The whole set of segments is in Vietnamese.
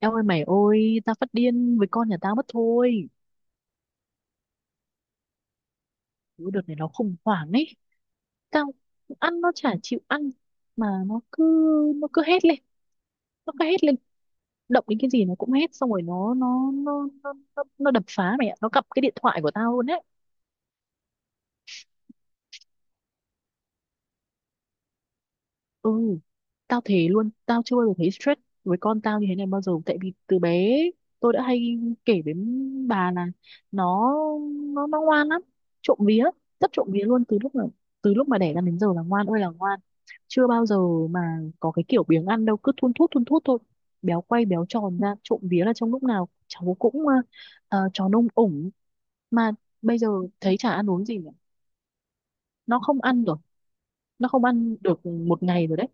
Eo ơi mày ơi, tao phát điên với con nhà tao mất thôi. Ủa, đợt này nó khủng hoảng ấy. Tao ăn nó chả chịu ăn. Mà nó cứ hét lên. Nó cứ hét lên. Động đến cái gì nó cũng hét. Xong rồi nó đập phá mày ạ. Nó cặp cái điện thoại của tao luôn á. Ừ, tao thế luôn, tao chưa bao giờ thấy stress với con tao như thế này bao giờ. Tại vì từ bé tôi đã hay kể với bà là nó nó ngoan lắm, trộm vía, rất trộm vía luôn. Từ lúc mà đẻ ra đến giờ là ngoan ơi là ngoan, chưa bao giờ mà có cái kiểu biếng ăn đâu, cứ thun thút thôi, béo quay béo tròn ra, trộm vía là trong lúc nào cháu cũng tròn ông ủng. Mà bây giờ thấy chả ăn uống gì nữa, nó không ăn rồi, nó không ăn được một ngày rồi đấy.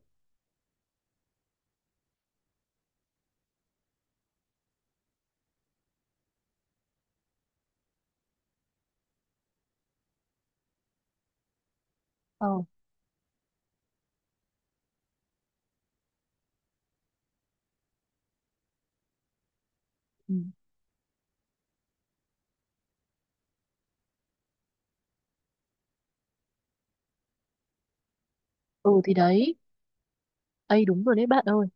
Ờ ừ. Ừ thì đấy, ấy đúng rồi đấy bạn ơi.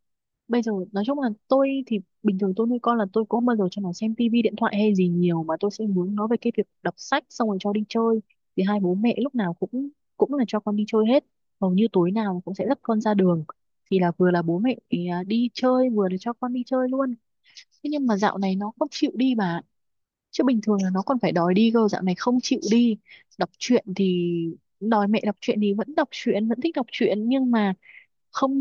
Bây giờ nói chung là tôi thì bình thường tôi nuôi con là tôi cũng không bao giờ cho nó xem tivi điện thoại hay gì nhiều, mà tôi sẽ hướng nó về cái việc đọc sách, xong rồi cho đi chơi. Thì hai bố mẹ lúc nào cũng cũng là cho con đi chơi hết. Hầu như tối nào cũng sẽ dắt con ra đường. Thì là vừa là bố mẹ đi chơi, vừa là cho con đi chơi luôn. Thế nhưng mà dạo này nó không chịu đi bà. Chứ bình thường là nó còn phải đòi đi cơ, dạo này không chịu đi. Đọc truyện thì đòi mẹ đọc truyện thì vẫn đọc truyện, vẫn thích đọc truyện, nhưng mà không,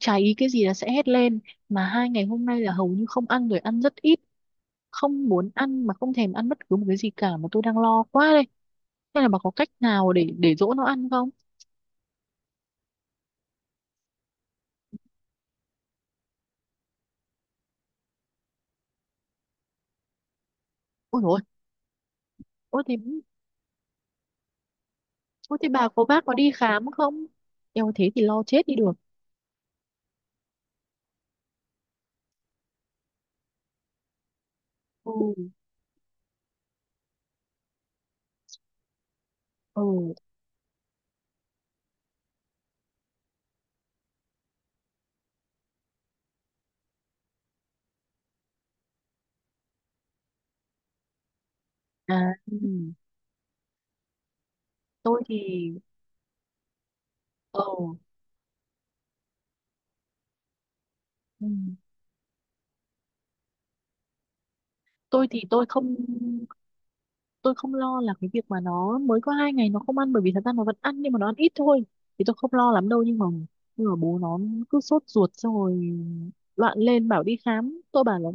cháy cái gì là sẽ hét lên. Mà hai ngày hôm nay là hầu như không ăn rồi, ăn rất ít, không muốn ăn, mà không thèm ăn bất cứ một cái gì cả, mà tôi đang lo quá đây. Hay là bà có cách nào để dỗ nó ăn không? Ôi rồi, ôi thế, ôi thế bà có, bác có đi khám không? Eo thế thì lo chết đi được. Ừ, ừ, à ừ. tôi thì ừ. ừ. Tôi thì tôi không lo là cái việc mà nó mới có hai ngày nó không ăn, bởi vì thật ra nó vẫn ăn nhưng mà nó ăn ít thôi, thì tôi không lo lắm đâu. Nhưng mà nhưng mà bố nó cứ sốt ruột, xong rồi loạn lên bảo đi khám. Tôi bảo là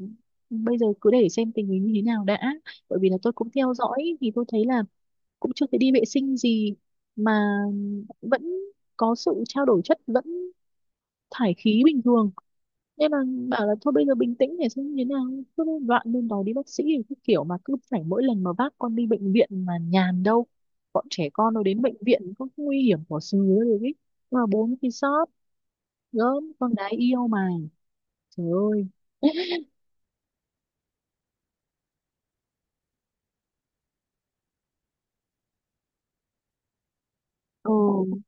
bây giờ cứ để xem tình hình như thế nào đã, bởi vì là tôi cũng theo dõi thì tôi thấy là cũng chưa thấy đi vệ sinh gì, mà vẫn có sự trao đổi chất, vẫn thải khí bình thường. Nên là bảo là thôi bây giờ bình tĩnh để xem như thế nào, cứ đoạn lên đó đi bác sĩ thì cứ kiểu, mà cứ phải mỗi lần mà vác con đi bệnh viện mà nhàn đâu, bọn trẻ con nó đến bệnh viện có nguy hiểm của sứ rồi ấy. Mà bốn thì sót, gớm con gái yêu mà, trời ơi. Ừ,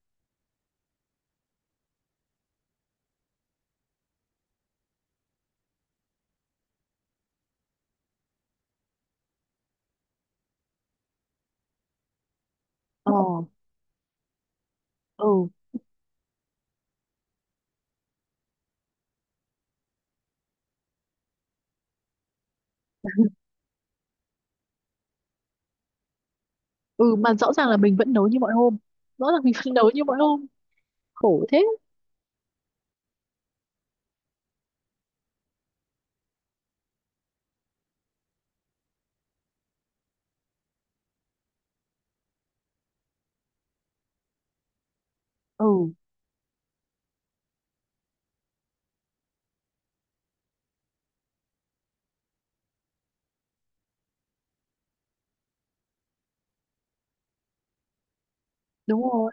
ờ, ừ, ừ mà rõ ràng là mình vẫn nấu như mọi hôm, rõ ràng mình vẫn nấu như mọi hôm. Khổ thế. Ừ, đúng rồi,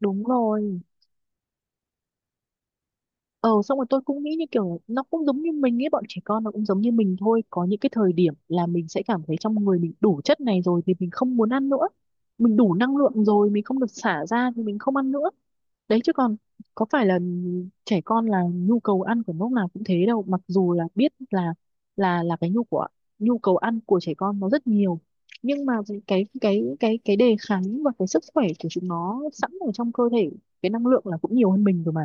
đúng rồi. Ờ xong rồi tôi cũng nghĩ như kiểu nó cũng giống như mình ấy, bọn trẻ con nó cũng giống như mình thôi, có những cái thời điểm là mình sẽ cảm thấy trong người mình đủ chất này rồi thì mình không muốn ăn nữa, mình đủ năng lượng rồi, mình không được xả ra thì mình không ăn nữa. Đấy chứ còn có phải là trẻ con là nhu cầu ăn của lúc nào cũng thế đâu, mặc dù là biết là là cái nhu của, nhu cầu ăn của trẻ con nó rất nhiều. Nhưng mà cái đề kháng và cái sức khỏe của chúng nó sẵn ở trong cơ thể, cái năng lượng là cũng nhiều hơn mình rồi mà.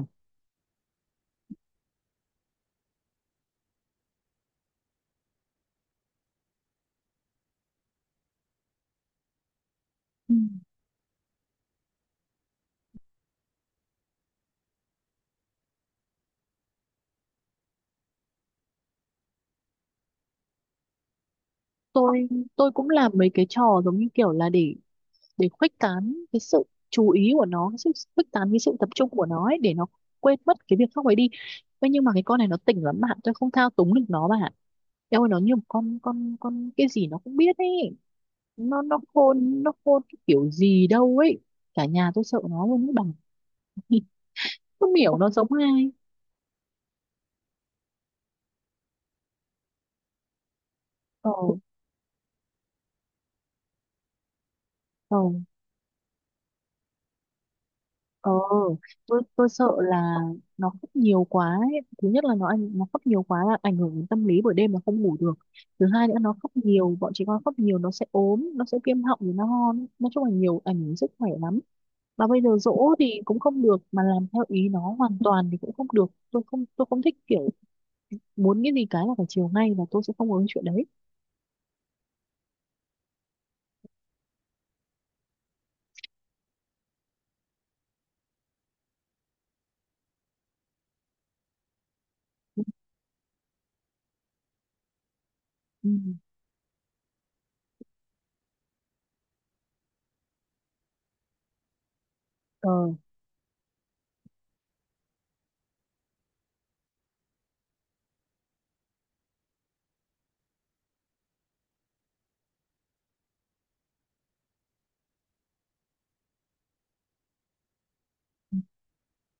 tôi tôi cũng làm mấy cái trò giống như kiểu là để khuếch tán cái sự chú ý của nó, cái sự khuếch tán cái sự tập trung của nó ấy, để nó quên mất cái việc khác ấy đi. Thế nhưng mà cái con này nó tỉnh lắm bạn, tôi không thao túng được nó bạn. Eo ơi, nó như một con, con cái gì nó cũng biết ấy. Nó khôn, nó khôn cái kiểu gì đâu ấy, cả nhà tôi sợ nó luôn ấy bằng không hiểu nó giống ai. Ờ, ờ, ờ, tôi sợ là nó khóc nhiều quá ấy. Thứ nhất là nó khóc nhiều quá là ảnh hưởng đến tâm lý, buổi đêm là không ngủ được. Thứ hai nữa nó khóc nhiều, bọn trẻ con khóc nhiều nó sẽ ốm, nó sẽ viêm họng rồi nó hon. Nói chung là nhiều ảnh hưởng sức khỏe lắm. Mà bây giờ dỗ thì cũng không được, mà làm theo ý nó hoàn toàn thì cũng không được. Tôi không thích kiểu muốn cái gì cái là phải chiều ngay, và tôi sẽ không có cái chuyện đấy. Ừ,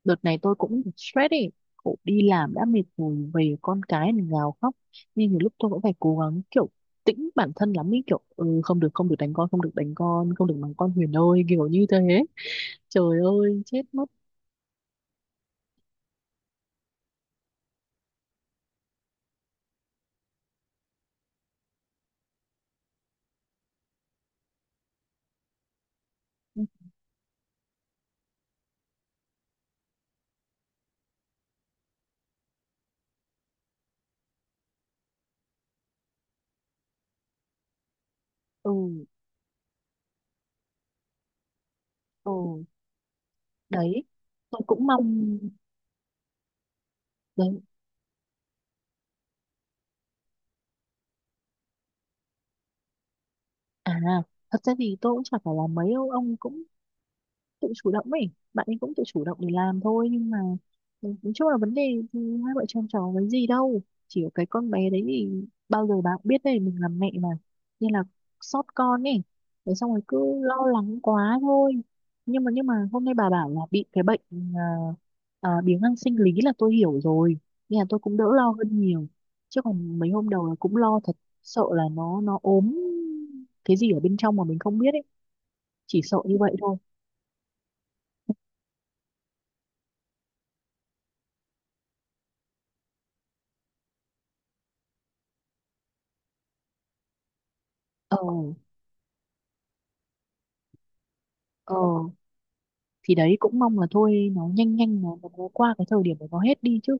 đợt này tôi cũng stress ý, cậu đi làm đã mệt rồi về con cái thì gào khóc, nhưng nhiều lúc tôi cũng phải cố gắng kiểu tĩnh bản thân lắm ý, kiểu không được, không được đánh con, không được đánh con, không được mắng con Huyền ơi, kiểu như thế. Trời ơi chết mất. Ừ, ừ, đấy tôi cũng mong, đấy. À thật ra thì tôi cũng chả phải là mấy đâu, ông cũng tự chủ động ấy, bạn ấy cũng tự chủ động để làm thôi. Nhưng mà nói chung là vấn đề thì hai vợ chồng cháu với gì đâu, chỉ có cái con bé đấy thì bao giờ bạn biết đấy mình làm mẹ mà, nên là xót con ấy, thế xong rồi cứ lo lắng quá thôi. Nhưng mà hôm nay bà bảo là bị cái bệnh à, biếng ăn sinh lý, là tôi hiểu rồi, nên là tôi cũng đỡ lo hơn nhiều. Chứ còn mấy hôm đầu là cũng lo thật, sợ là nó ốm cái gì ở bên trong mà mình không biết ấy, chỉ sợ như vậy thôi. Ờ, ờ, thì đấy cũng mong là thôi nó nhanh nhanh nó qua cái thời điểm của nó hết đi chứ.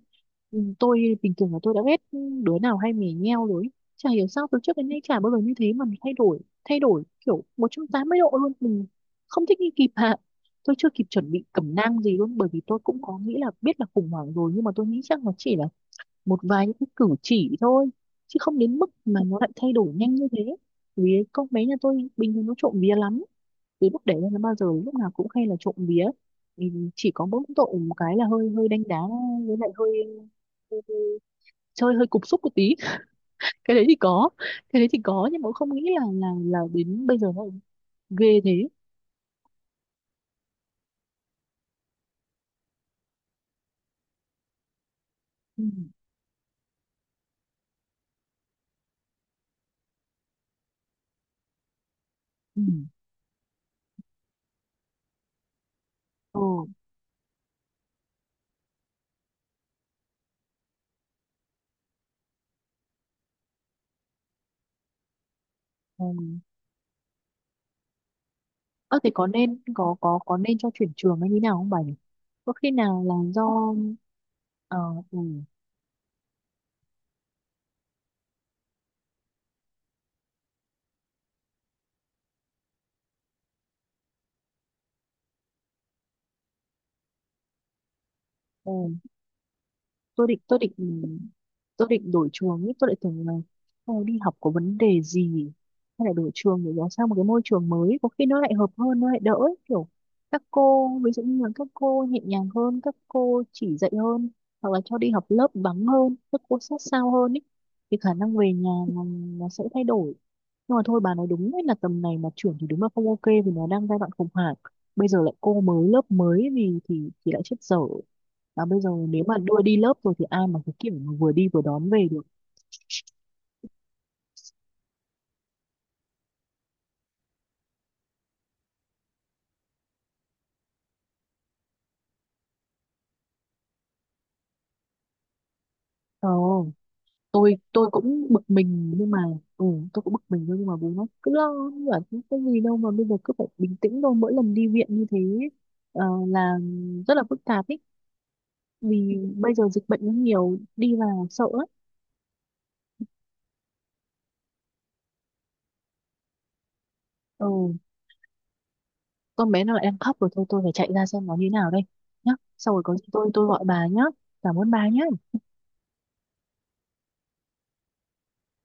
Ừ, tôi bình thường là tôi đã ghét đứa nào hay mè nheo rồi ấy. Chả hiểu sao từ trước đến nay chả bao giờ như thế mà mình thay đổi kiểu 180 độ luôn. Mình không thích nghi kịp hạ. Tôi chưa kịp chuẩn bị cẩm nang gì luôn, bởi vì tôi cũng có nghĩ là, biết là khủng hoảng rồi, nhưng mà tôi nghĩ chắc nó chỉ là một vài những cái cử chỉ thôi, chứ không đến mức mà nó lại thay đổi nhanh như thế. Vì con bé nhà tôi bình thường nó trộm vía lắm, từ lúc đẻ ra nó bao giờ lúc nào cũng hay là trộm vía, thì chỉ có mỗi tội một cái là hơi hơi đánh đá, với lại hơi chơi hơi cục xúc một tí cái đấy thì có, cái đấy thì có, nhưng mà cũng không nghĩ là là đến bây giờ nó ghê thế. Ừ, ừ, ừ, ừ. Ơ, thế có nên có nên cho chuyển trường hay như nào không bà nhỉ? Có khi nào là do, ờ, ừ. Ừ, tôi định tôi định đổi trường ý, tôi lại tưởng là "Ờ, đi học có vấn đề gì hay là đổi trường để nó sang một cái môi trường mới, có khi nó lại hợp hơn, nó lại đỡ ấy. Kiểu các cô, ví dụ như là các cô nhẹ nhàng hơn, các cô chỉ dạy hơn, hoặc là cho đi học lớp vắng hơn, các cô sát sao hơn ý, thì khả năng về nhà nó sẽ thay đổi. Nhưng mà thôi, bà nói đúng đấy, là tầm này mà chuyển thì đúng là không ok vì nó đang giai đoạn khủng hoảng, bây giờ lại cô mới lớp mới thì thì lại chết dở. Và bây giờ nếu mà đưa đi lớp rồi thì ai mà cái kiểu mà vừa đi vừa đón về được. Ờ, tôi cũng bực mình nhưng mà ừ, tôi cũng bực mình thôi, nhưng mà bố nó cứ lo, nó bảo "Không có gì đâu mà bây giờ cứ phải bình tĩnh thôi, mỗi lần đi viện như thế là rất là phức tạp ý, vì bây giờ dịch bệnh nó nhiều, đi vào sợ lắm. Ừ, con bé nó lại đang khóc rồi, thôi tôi phải chạy ra xem nó như thế nào đây nhá. Sau rồi có gì tôi gọi bà nhá, cảm ơn bà nhá.